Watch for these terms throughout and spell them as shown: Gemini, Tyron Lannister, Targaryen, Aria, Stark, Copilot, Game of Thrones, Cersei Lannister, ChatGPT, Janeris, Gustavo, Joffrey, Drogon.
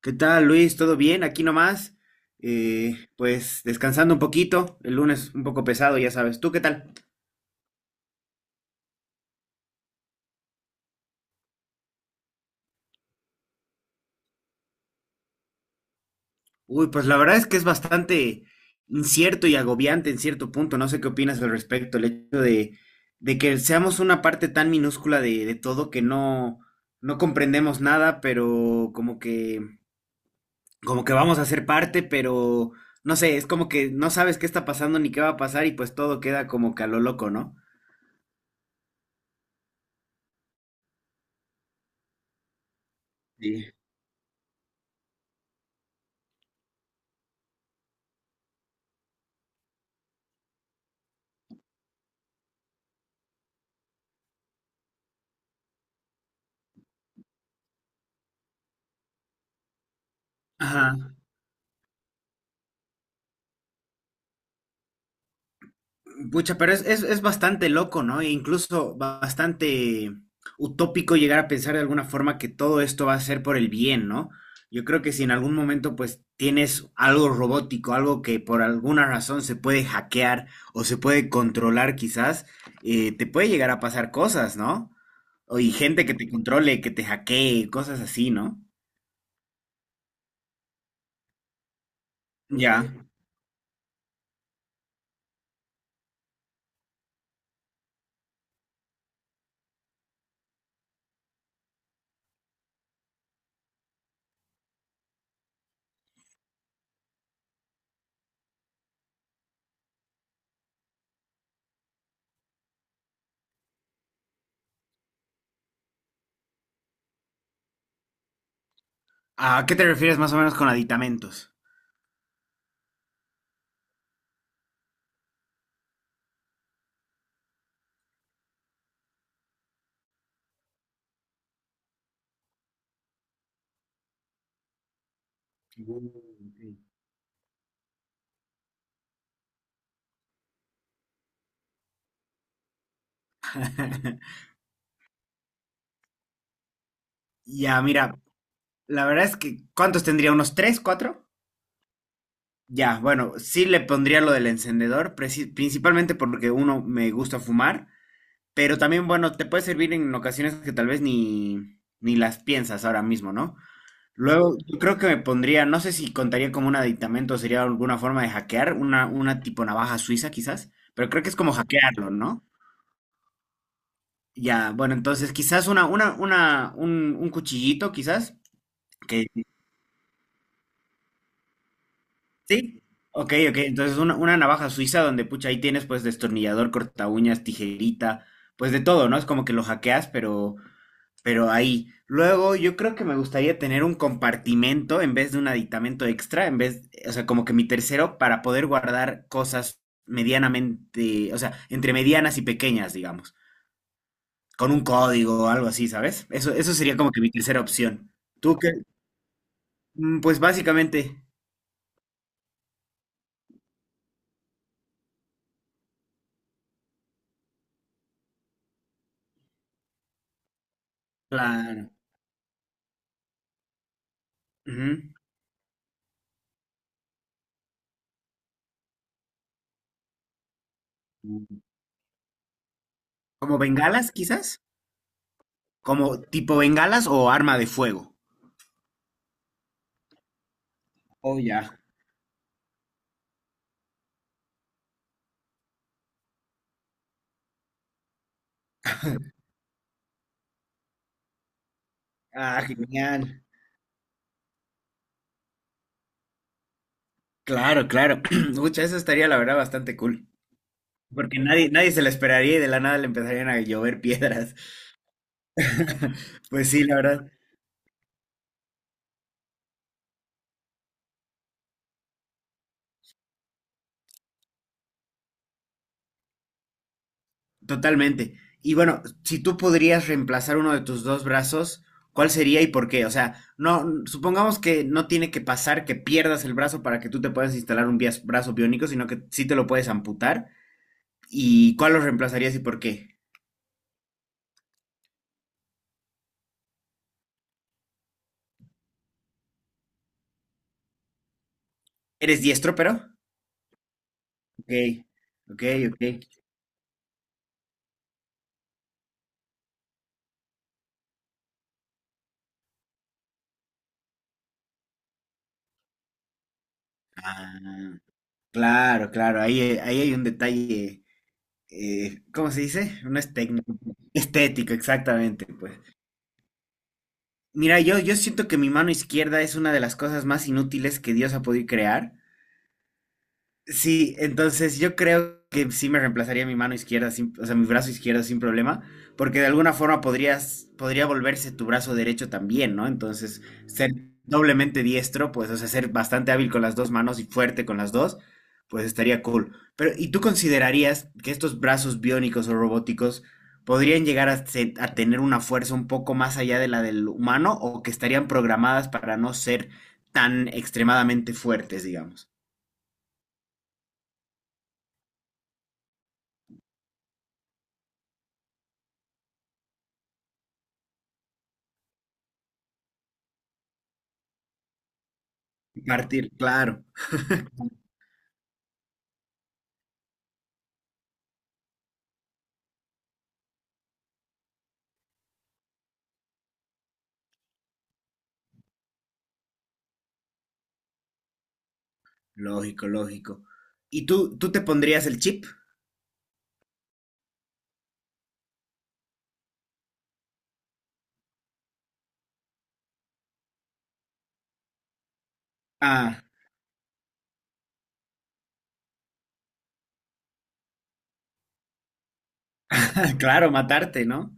¿Qué tal, Luis? ¿Todo bien? Aquí nomás. Pues descansando un poquito. El lunes un poco pesado, ya sabes. ¿Tú qué tal? Uy, pues la verdad es que es bastante incierto y agobiante en cierto punto. No sé qué opinas al respecto. El hecho de que seamos una parte tan minúscula de todo, que no comprendemos nada, pero como que vamos a ser parte, pero no sé, es como que no sabes qué está pasando ni qué va a pasar, y pues todo queda como que a lo loco, ¿no? Sí. Ajá. Pucha, pero es bastante loco, ¿no? E incluso bastante utópico llegar a pensar de alguna forma que todo esto va a ser por el bien, ¿no? Yo creo que si en algún momento pues tienes algo robótico, algo que por alguna razón se puede hackear o se puede controlar quizás, te puede llegar a pasar cosas, ¿no? O, y gente que te controle, que te hackee, cosas así, ¿no? Ya. ¿A qué te refieres más o menos con aditamentos? Mm, ok. Ya, mira, la verdad es que, ¿cuántos tendría? ¿Unos tres, cuatro? Ya, bueno, sí le pondría lo del encendedor, principalmente porque uno me gusta fumar, pero también, bueno, te puede servir en ocasiones que tal vez ni las piensas ahora mismo, ¿no? Luego, yo creo que me pondría, no sé si contaría como un aditamento, sería alguna forma de hackear, una tipo navaja suiza quizás, pero creo que es como hackearlo, ¿no? Ya, bueno, entonces quizás un cuchillito quizás, que sí, ok, ok. Entonces una navaja suiza donde, pucha, ahí tienes pues destornillador, corta uñas, tijerita, pues de todo, ¿no? Es como que lo hackeas, pero ahí. Luego yo creo que me gustaría tener un compartimento en vez de un aditamento extra, en vez, o sea, como que mi tercero para poder guardar cosas medianamente, o sea, entre medianas y pequeñas, digamos, con un código o algo así, ¿sabes? Eso sería como que mi tercera opción. ¿Tú qué? Mm, pues básicamente, claro. Ujú. ¿Como bengalas, quizás? ¿Como tipo bengalas o arma de fuego? Oh, ya. Ah, genial. Claro, claro. Mucha, eso estaría la verdad bastante cool. Porque nadie, nadie se la esperaría y de la nada le empezarían a llover piedras. Pues sí, la verdad, totalmente. Y bueno, si tú podrías reemplazar uno de tus dos brazos, ¿cuál sería y por qué? O sea, no, supongamos que no tiene que pasar que pierdas el brazo para que tú te puedas instalar un brazo biónico, sino que sí te lo puedes amputar. ¿Y cuál lo reemplazarías y por qué? ¿Eres diestro, pero? Ok, ok, ok. Ah, claro, claro, ahí, ahí hay un detalle, ¿cómo se dice? No es técnico, estético, exactamente, pues. Mira, yo siento que mi mano izquierda es una de las cosas más inútiles que Dios ha podido crear. Sí, entonces yo creo que sí me reemplazaría mi mano izquierda, o sea, mi brazo izquierdo sin problema, porque de alguna forma podría volverse tu brazo derecho también, ¿no? Entonces, ser doblemente diestro, pues, o sea, ser bastante hábil con las dos manos y fuerte con las dos, pues estaría cool. Pero, ¿y tú considerarías que estos brazos biónicos o robóticos podrían llegar a tener una fuerza un poco más allá de la del humano, o que estarían programadas para no ser tan extremadamente fuertes, digamos? Partir, claro. Lógico, lógico. ¿Y tú te pondrías el chip? Ah, claro, matarte, ¿no?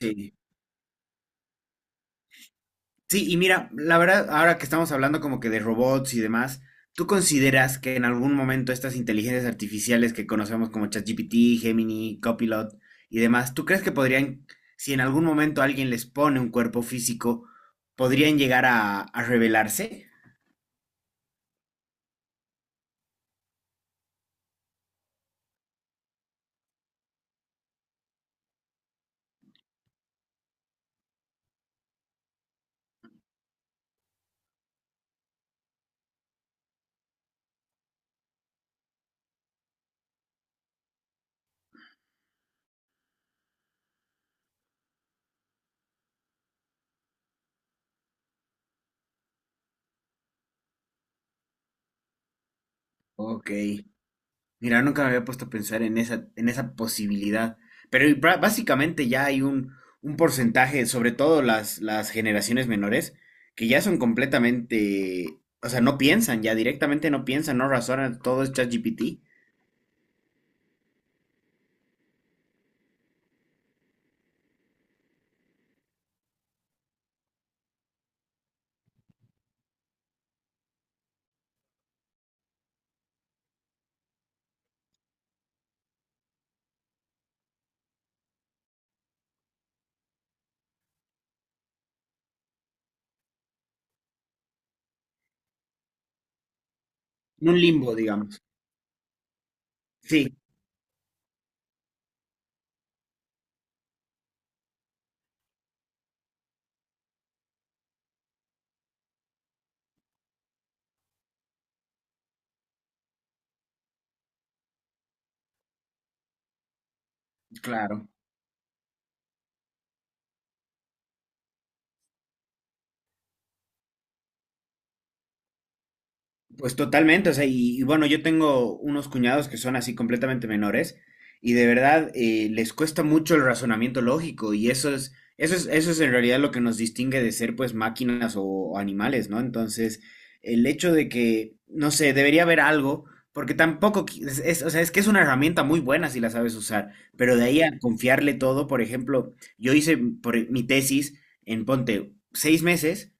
Sí. Sí, y mira, la verdad, ahora que estamos hablando como que de robots y demás, ¿tú consideras que en algún momento estas inteligencias artificiales que conocemos como ChatGPT, Gemini, Copilot y demás, ¿tú crees que podrían, si en algún momento alguien les pone un cuerpo físico, podrían llegar a revelarse? Ok. Mira, nunca me había puesto a pensar en esa posibilidad. Pero y básicamente ya hay un porcentaje, sobre todo las generaciones menores, que ya son completamente, o sea, no piensan, ya directamente no piensan, no razonan, todo es ChatGPT. Un limbo, digamos. Sí, claro. Pues totalmente, o sea, y bueno, yo tengo unos cuñados que son así completamente menores, y de verdad les cuesta mucho el razonamiento lógico, y eso es en realidad lo que nos distingue de ser pues máquinas o animales, ¿no? Entonces, el hecho de que, no sé, debería haber algo, porque tampoco, o sea, es que es una herramienta muy buena si la sabes usar, pero de ahí a confiarle todo. Por ejemplo, yo hice por mi tesis en, ponte, 6 meses.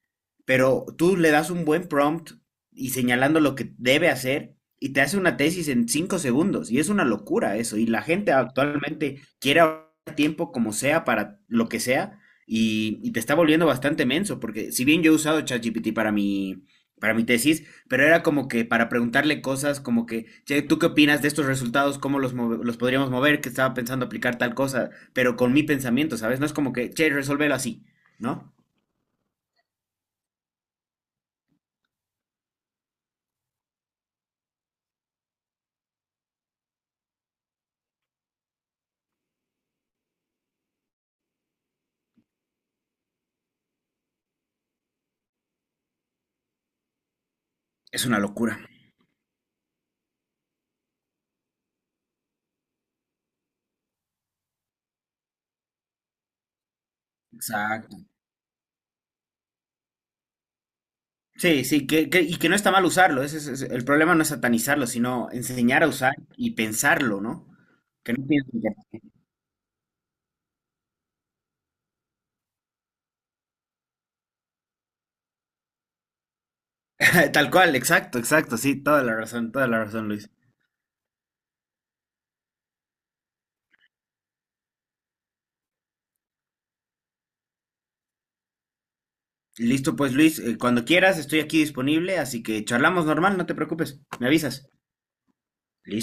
Pero tú le das un buen prompt, y señalando lo que debe hacer y te hace una tesis en 5 segundos. Y es una locura eso. Y la gente actualmente quiere ahorrar tiempo como sea para lo que sea, y, te está volviendo bastante menso. Porque si bien yo he usado ChatGPT para mi tesis, pero era como que para preguntarle cosas como que: "Che, ¿tú qué opinas de estos resultados? ¿Cómo los podríamos mover? Que estaba pensando aplicar tal cosa, pero con mi pensamiento, ¿sabes? No es como que, che, resuélvelo así, ¿no?". Es una locura. Exacto. Sí, sí, y que no está mal usarlo. Ese es el problema: no es satanizarlo, sino enseñar a usar y pensarlo, ¿no? Que no piensen. Tal cual, exacto, exacto, sí, toda la razón, Luis. Listo, pues, Luis, cuando quieras, estoy aquí disponible, así que charlamos normal, no te preocupes, me avisas. Listo.